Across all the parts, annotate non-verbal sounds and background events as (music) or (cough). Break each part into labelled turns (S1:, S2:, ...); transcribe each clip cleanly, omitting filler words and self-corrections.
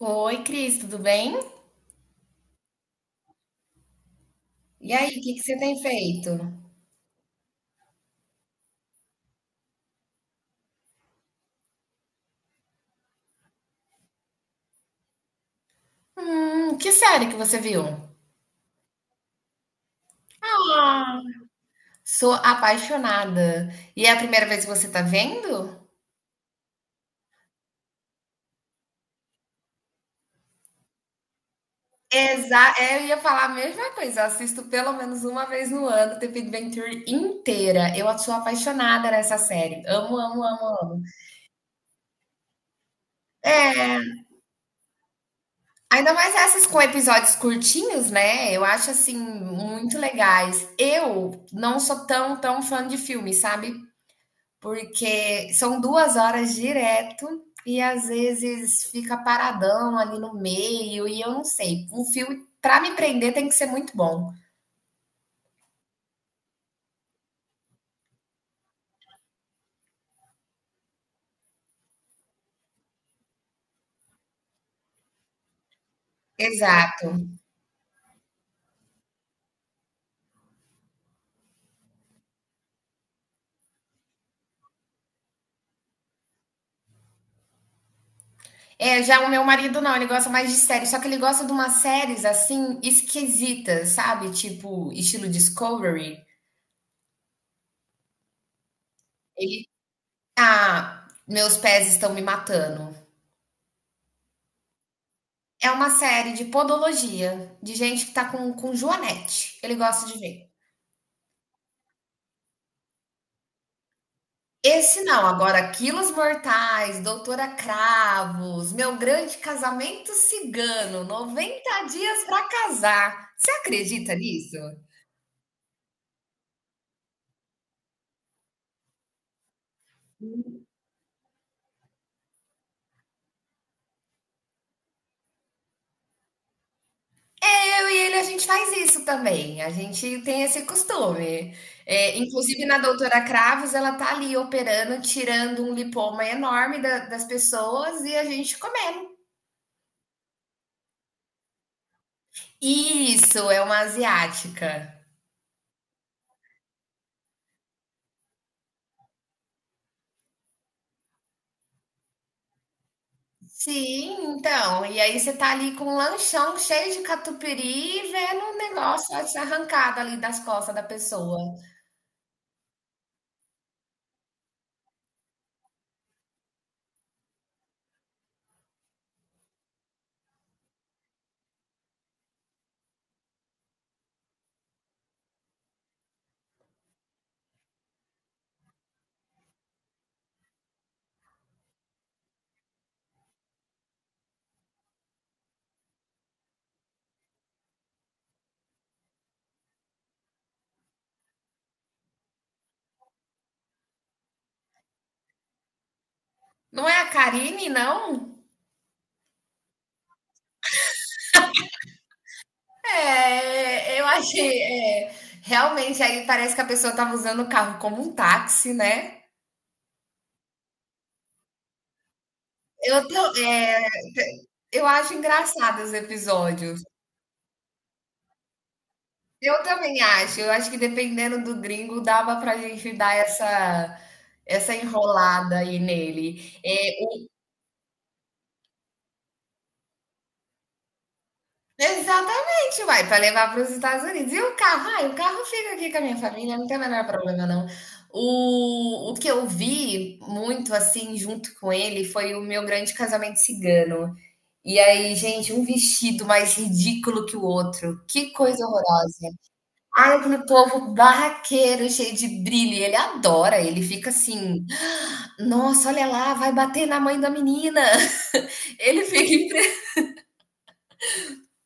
S1: Oi, Cris, tudo bem? E aí, o que você tem feito? Que série que você viu? Sou apaixonada. E é a primeira vez que você tá vendo? Eu ia falar a mesma coisa. Eu assisto pelo menos uma vez no ano, The Big Bang Theory inteira. Eu sou apaixonada nessa série. Amo, amo, amo, amo. Ainda mais essas com episódios curtinhos, né? Eu acho assim muito legais. Eu não sou tão fã de filme, sabe? Porque são 2 horas direto e às vezes fica paradão ali no meio e eu não sei. Um filme para me prender tem que ser muito bom. Exato. É, já o meu marido não, ele gosta mais de séries, só que ele gosta de umas séries assim esquisitas, sabe? Tipo, estilo Discovery. Ele, ah, meus pés estão me matando. É uma série de podologia, de gente que tá com joanete. Ele gosta de ver. Esse não, agora Quilos Mortais, Doutora Cravos, Meu Grande Casamento Cigano, 90 dias para casar. Você acredita nisso? Eu e ele a gente faz isso também. A gente tem esse costume. É, inclusive na Doutora Cravos, ela tá ali operando, tirando um lipoma enorme das pessoas e a gente comendo. Isso é uma asiática. Sim, então, e aí você tá ali com um lanchão cheio de catupiry e vendo o negócio arrancado ali das costas da pessoa. Não é a Karine, não? É, eu achei, é, realmente aí parece que a pessoa tava usando o carro como um táxi, né? Eu, tô- é, eu acho engraçado os episódios. Eu também acho, eu acho que dependendo do gringo dava pra gente dar essa enrolada aí nele. É, exatamente, vai para levar para os Estados Unidos. E o carro? Ai, o carro fica aqui com a minha família, não tem o menor problema, não. O que eu vi muito, assim, junto com ele, foi o meu grande casamento cigano. E aí, gente, um vestido mais ridículo que o outro. Que coisa horrorosa. Ai, aquele povo barraqueiro, cheio de brilho. E ele adora, ele fica assim: "Ah, nossa, olha lá, vai bater na mãe da menina." (laughs) Ele fica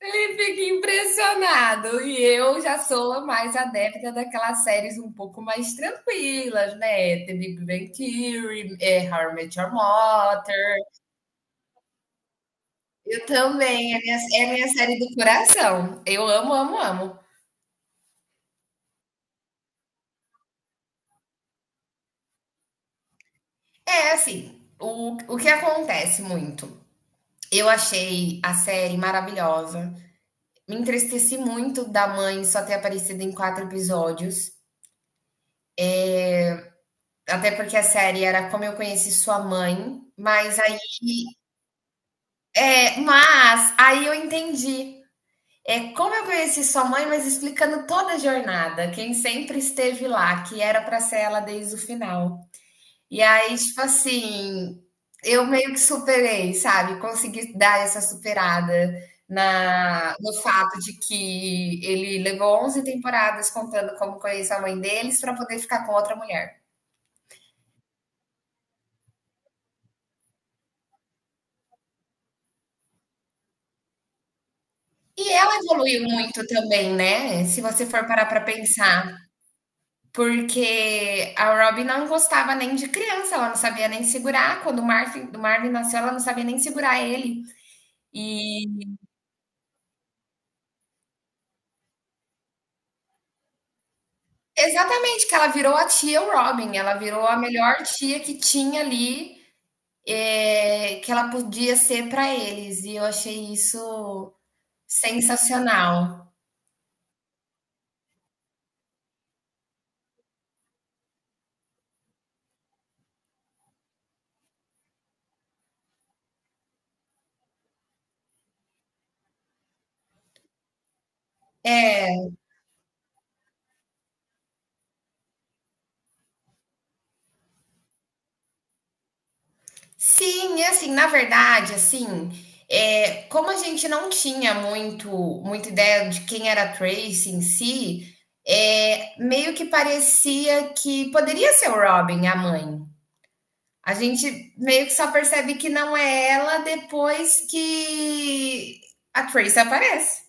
S1: ele fica impressionado. E eu já sou mais adepta daquelas séries um pouco mais tranquilas, né? The Big Bang Theory, é, How I Met Your Mother. Eu também, é minha série do coração. Eu amo, amo, amo. É assim, o que acontece muito? Eu achei a série maravilhosa. Me entristeci muito da mãe só ter aparecido em quatro episódios. Até porque a série era como eu conheci sua mãe, mas é, mas aí eu entendi. É, como eu conheci sua mãe, mas explicando toda a jornada, quem sempre esteve lá, que era para ser ela desde o final. E aí, tipo assim, eu meio que superei, sabe? Consegui dar essa superada no fato de que ele levou 11 temporadas contando como conhece a mãe deles para poder ficar com outra mulher. E ela evoluiu muito também, né? Se você for parar para pensar. Porque a Robin não gostava nem de criança, ela não sabia nem segurar. Quando o Marvin nasceu, ela não sabia nem segurar ele. E exatamente, que ela virou a tia Robin, ela virou a melhor tia que tinha ali, que ela podia ser para eles. E eu achei isso sensacional. É, sim, e assim, na verdade, assim, como a gente não tinha muito muita ideia de quem era a Tracy em si, meio que parecia que poderia ser o Robin, a mãe. A gente meio que só percebe que não é ela depois que a Tracy aparece.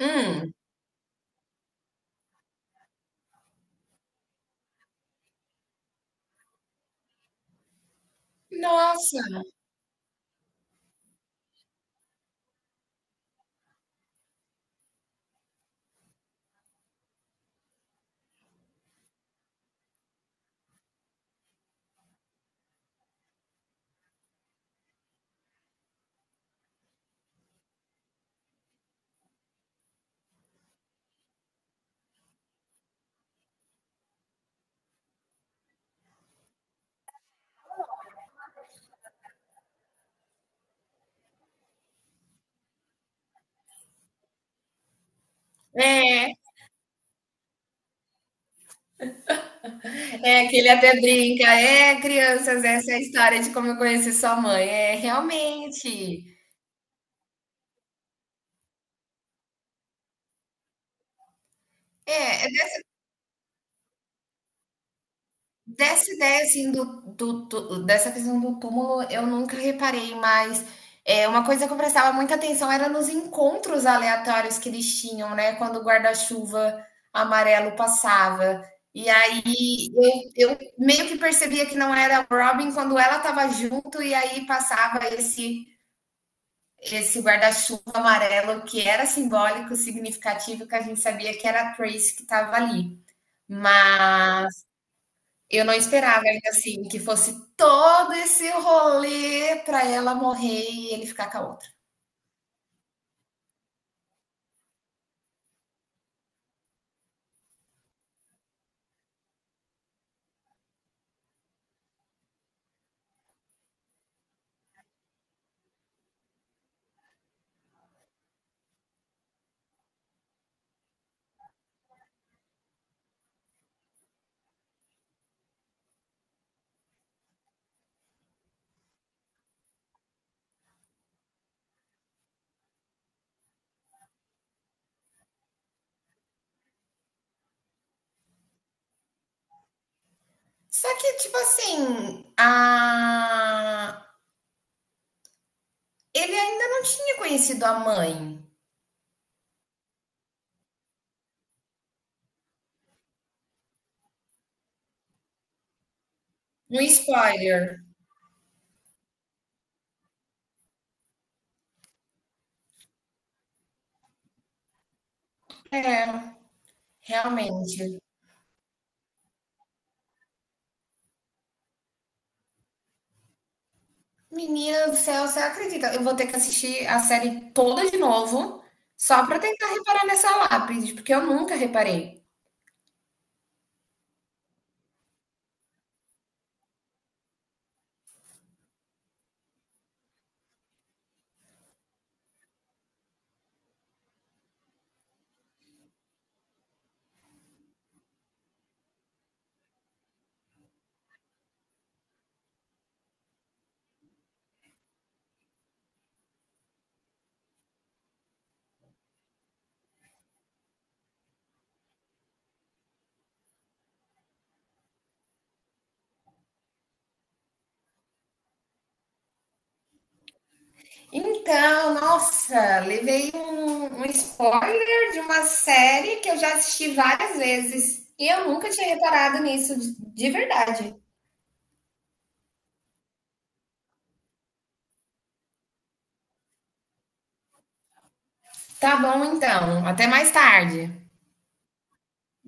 S1: Hum, nossa, é, é que ele até brinca, é, crianças, essa é a história de como eu conheci sua mãe. É, realmente. É, é Dessa ideia, assim, dessa questão do túmulo, eu nunca reparei, mas é, uma coisa que eu prestava muita atenção era nos encontros aleatórios que eles tinham, né? Quando o guarda-chuva amarelo passava. E aí eu meio que percebia que não era a Robin quando ela estava junto, e aí passava esse guarda-chuva amarelo que era simbólico, significativo, que a gente sabia que era a Trace que estava ali. Mas eu não esperava ainda, assim, que fosse todo esse rolê para ela morrer e ele ficar com a outra. Só que, tipo assim, a... ele ainda não tinha conhecido a mãe. Um spoiler. É, realmente. Menina do céu, você acredita? Eu vou ter que assistir a série toda de novo só para tentar reparar nessa lápide, porque eu nunca reparei. Então, nossa, levei um spoiler de uma série que eu já assisti várias vezes e eu nunca tinha reparado nisso de verdade. Tá bom, então. Até mais tarde.